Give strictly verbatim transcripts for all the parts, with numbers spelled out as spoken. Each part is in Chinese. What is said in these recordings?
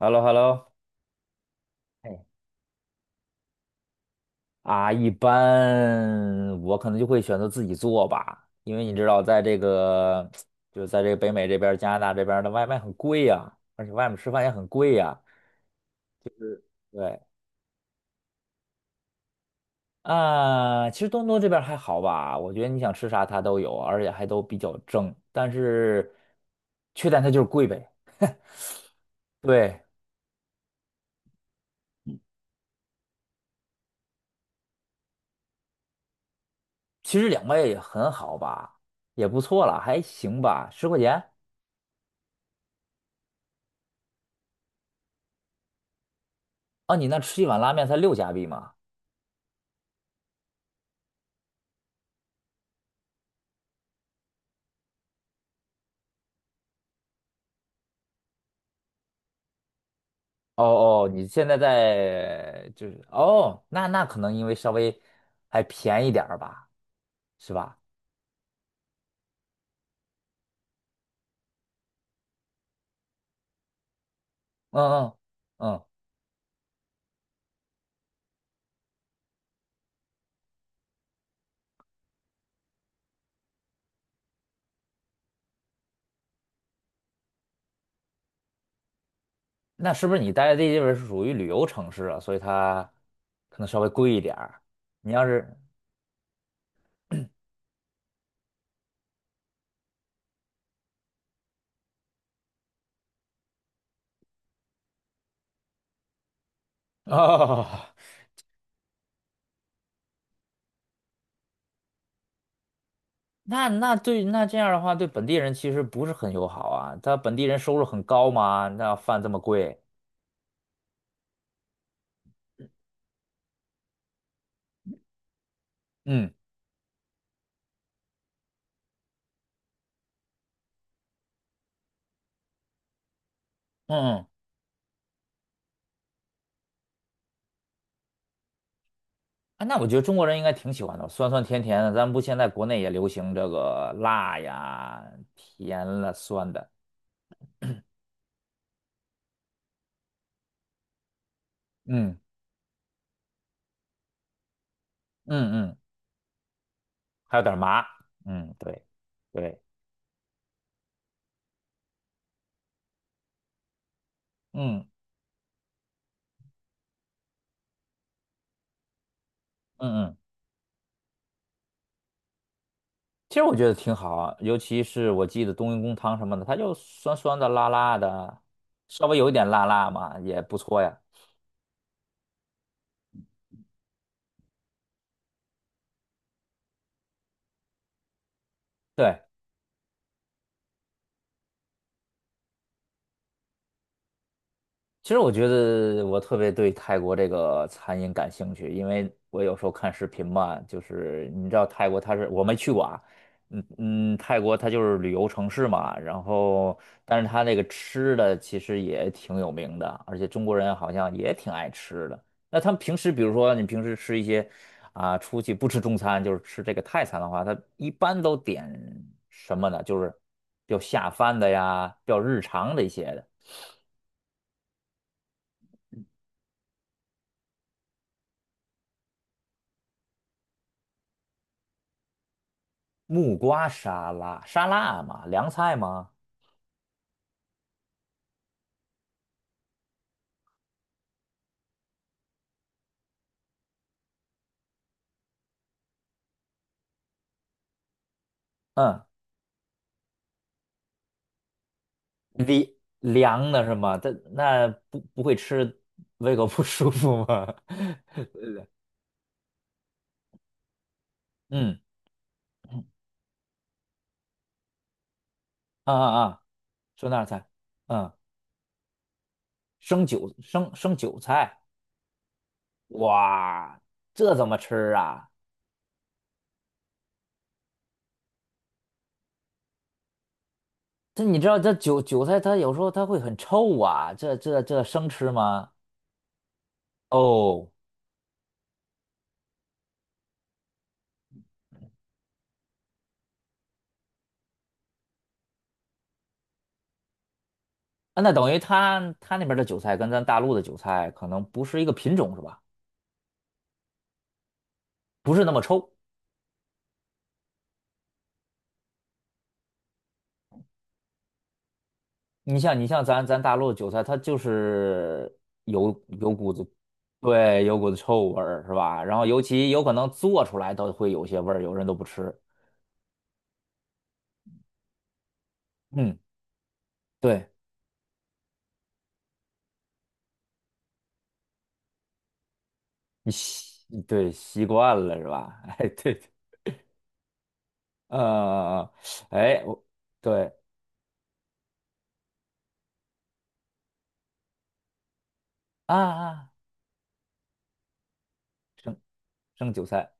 h e l l o h e l l o 哎，啊，一般我可能就会选择自己做吧，因为你知道，在这个就是在这个北美这边儿加拿大这边儿的外卖很贵呀、而且外面吃饭也很贵呀、对啊，其实多伦多这边儿还好吧，我觉得你想吃啥它都有，而且还都比较正，但是缺点它就是贵呗。对，其实两位也很好吧，也不错了，还行吧，十块钱。啊，你那吃一碗拉面才六加币吗？哦哦，你现在在就是哦，那那可能因为稍微还便宜点儿吧，是吧？嗯嗯嗯，那是不是你待的这地方是属于旅游城市啊？所以它可能稍微贵一点儿。你要是哦，那那对那这样的话，对本地人其实不是很友好啊。他本地人收入很高嘛，那饭这么贵，嗯嗯嗯啊，那我觉得中国人应该挺喜欢的，酸酸甜甜的。咱们不现在国内也流行这个辣呀、甜了、酸的，嗯嗯嗯，还有点麻，嗯，对对，嗯嗯嗯。其实我觉得挺好啊，尤其是我记得冬阴功汤什么的，它就酸酸的、辣辣的，稍微有一点辣辣嘛，也不错呀。对，其实我觉得我特别对泰国这个餐饮感兴趣，因为我有时候看视频嘛，就是你知道泰国它是我没去过啊，嗯嗯，泰国它就是旅游城市嘛，然后但是它那个吃的其实也挺有名的，而且中国人好像也挺爱吃的。那他们平时比如说你平时吃一些啊，出去不吃中餐，就是吃这个泰餐的话，他一般都点什么呢？就是比较下饭的呀，比较日常的一些的。木瓜沙拉，沙拉嘛，凉菜嘛，嗯，凉凉的是吗？这那不不会吃，胃口不舒服吗？嗯，啊啊啊，酸辣菜，嗯，生韭生生韭菜，哇，这怎么吃啊？这你知道这韭韭菜它有时候它会很臭啊，这这这生吃吗？哦，啊那等于它它那边的韭菜跟咱大陆的韭菜可能不是一个品种是吧？不是那么臭。你像你像咱咱大陆的韭菜，它就是有有股子，对，有股子臭味儿，是吧？然后尤其有可能做出来都会有些味儿，有人都不吃。嗯，对，你习对习惯了是吧？哎，对，呃，嗯嗯哎，我对啊啊，生生韭菜，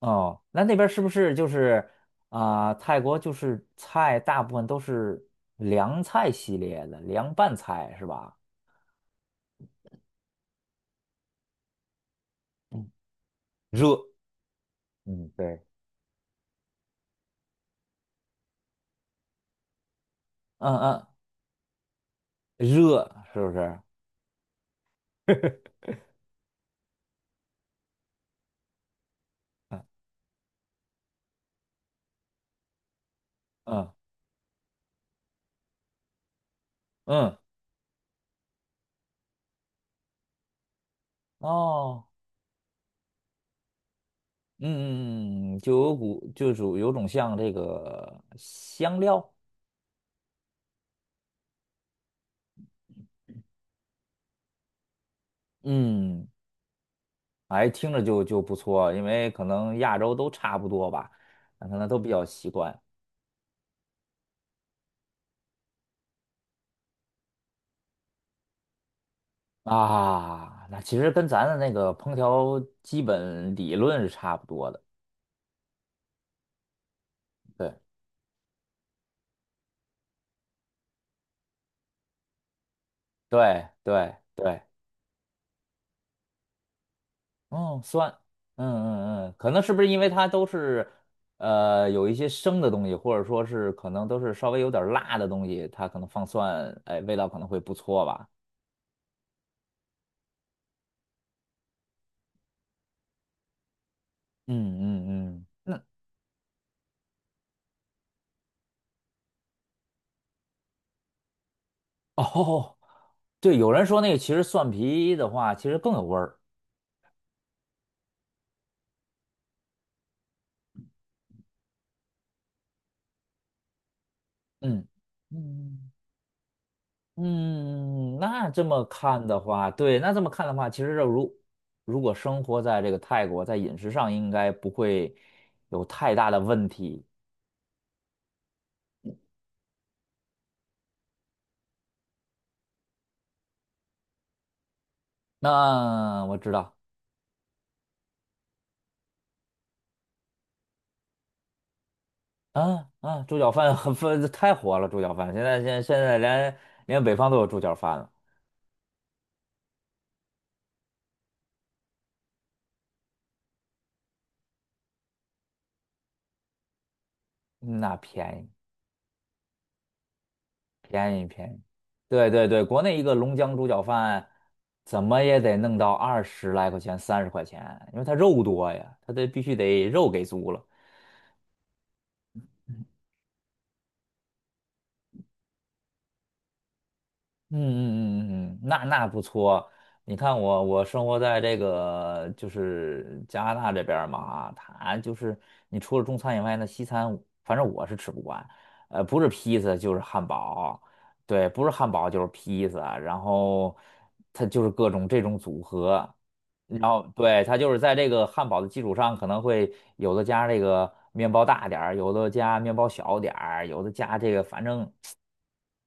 哦，那那边儿是不是就是啊、泰国就是菜大部分都是凉菜系列的，凉拌菜是吧？嗯，热。嗯，对。嗯嗯，热是不是？嗯嗯嗯哦，嗯嗯嗯，就有股就属有种像这个香料，嗯，哎，听着就就不错，因为可能亚洲都差不多吧，可能都比较习惯啊。那其实跟咱的那个烹调基本理论是差不多的，对对对对哦，酸，嗯嗯嗯，可能是不是因为它都是，呃，有一些生的东西，或者说是可能都是稍微有点儿辣的东西，它可能放蒜，哎，味道可能会不错吧。嗯嗯嗯，那哦，对，有人说那个其实蒜皮的话，其实更有味儿。嗯嗯嗯，那这么看的话，对，那这么看的话，其实如如果生活在这个泰国，在饮食上应该不会有太大的问题。那我知道啊啊，猪脚饭很分太火了，猪脚饭现在现现在连连北方都有猪脚饭了，嗯那便宜便宜便宜，对对对，国内一个龙江猪脚饭怎么也得弄到二十来块钱三十块钱，因为它肉多呀，它得必须得肉给足了。嗯嗯嗯嗯，嗯，那那不错。你看我，我生活在这个就是加拿大这边儿嘛，它就是你除了中餐以外呢，西餐反正我是吃不惯，呃，不是披萨就是汉堡，对，不是汉堡就是披萨，然后它就是各种这种组合，然后对，它就是在这个汉堡的基础上，可能会有的加这个面包大点儿，有的加面包小点儿，有的加这个，反正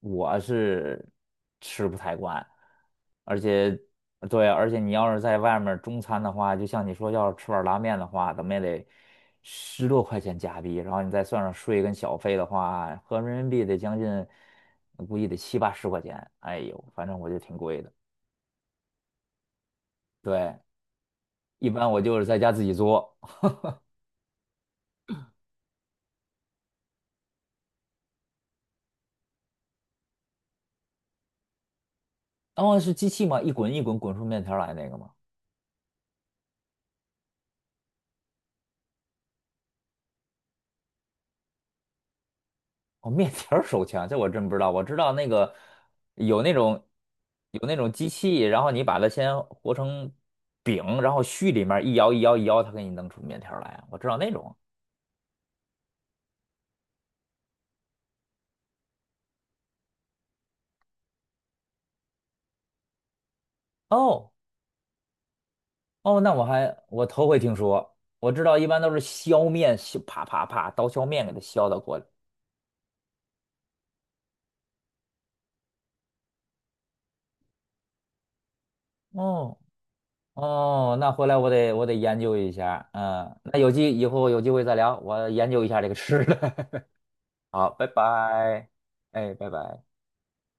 我是吃不太惯。而且，对，而且你要是在外面儿中餐的话，就像你说，要是吃碗拉面的话，怎么也得十多块钱加币，然后你再算上税跟小费的话，合人民币得将近，估计得七八十块钱。哎呦，反正我觉得挺贵的。对，一般我就是在家自己做。哦，是机器吗？一滚一滚滚出面条儿来那个吗？哦，面条儿手枪，这我真不知道。我知道那个有那种有那种机器，然后你把它先和成饼，然后虚里面儿一摇一摇一摇，它给你弄出面条儿来啊。我知道那种。哦哦，那我还我头回听说。我知道一般都是削面，削啪啪啪刀削面给它削到过来。哦哦，那回来我得我得研究一下。嗯，那有机以后有机会再聊，我研究一下这个吃的。好，拜拜，哎，拜拜。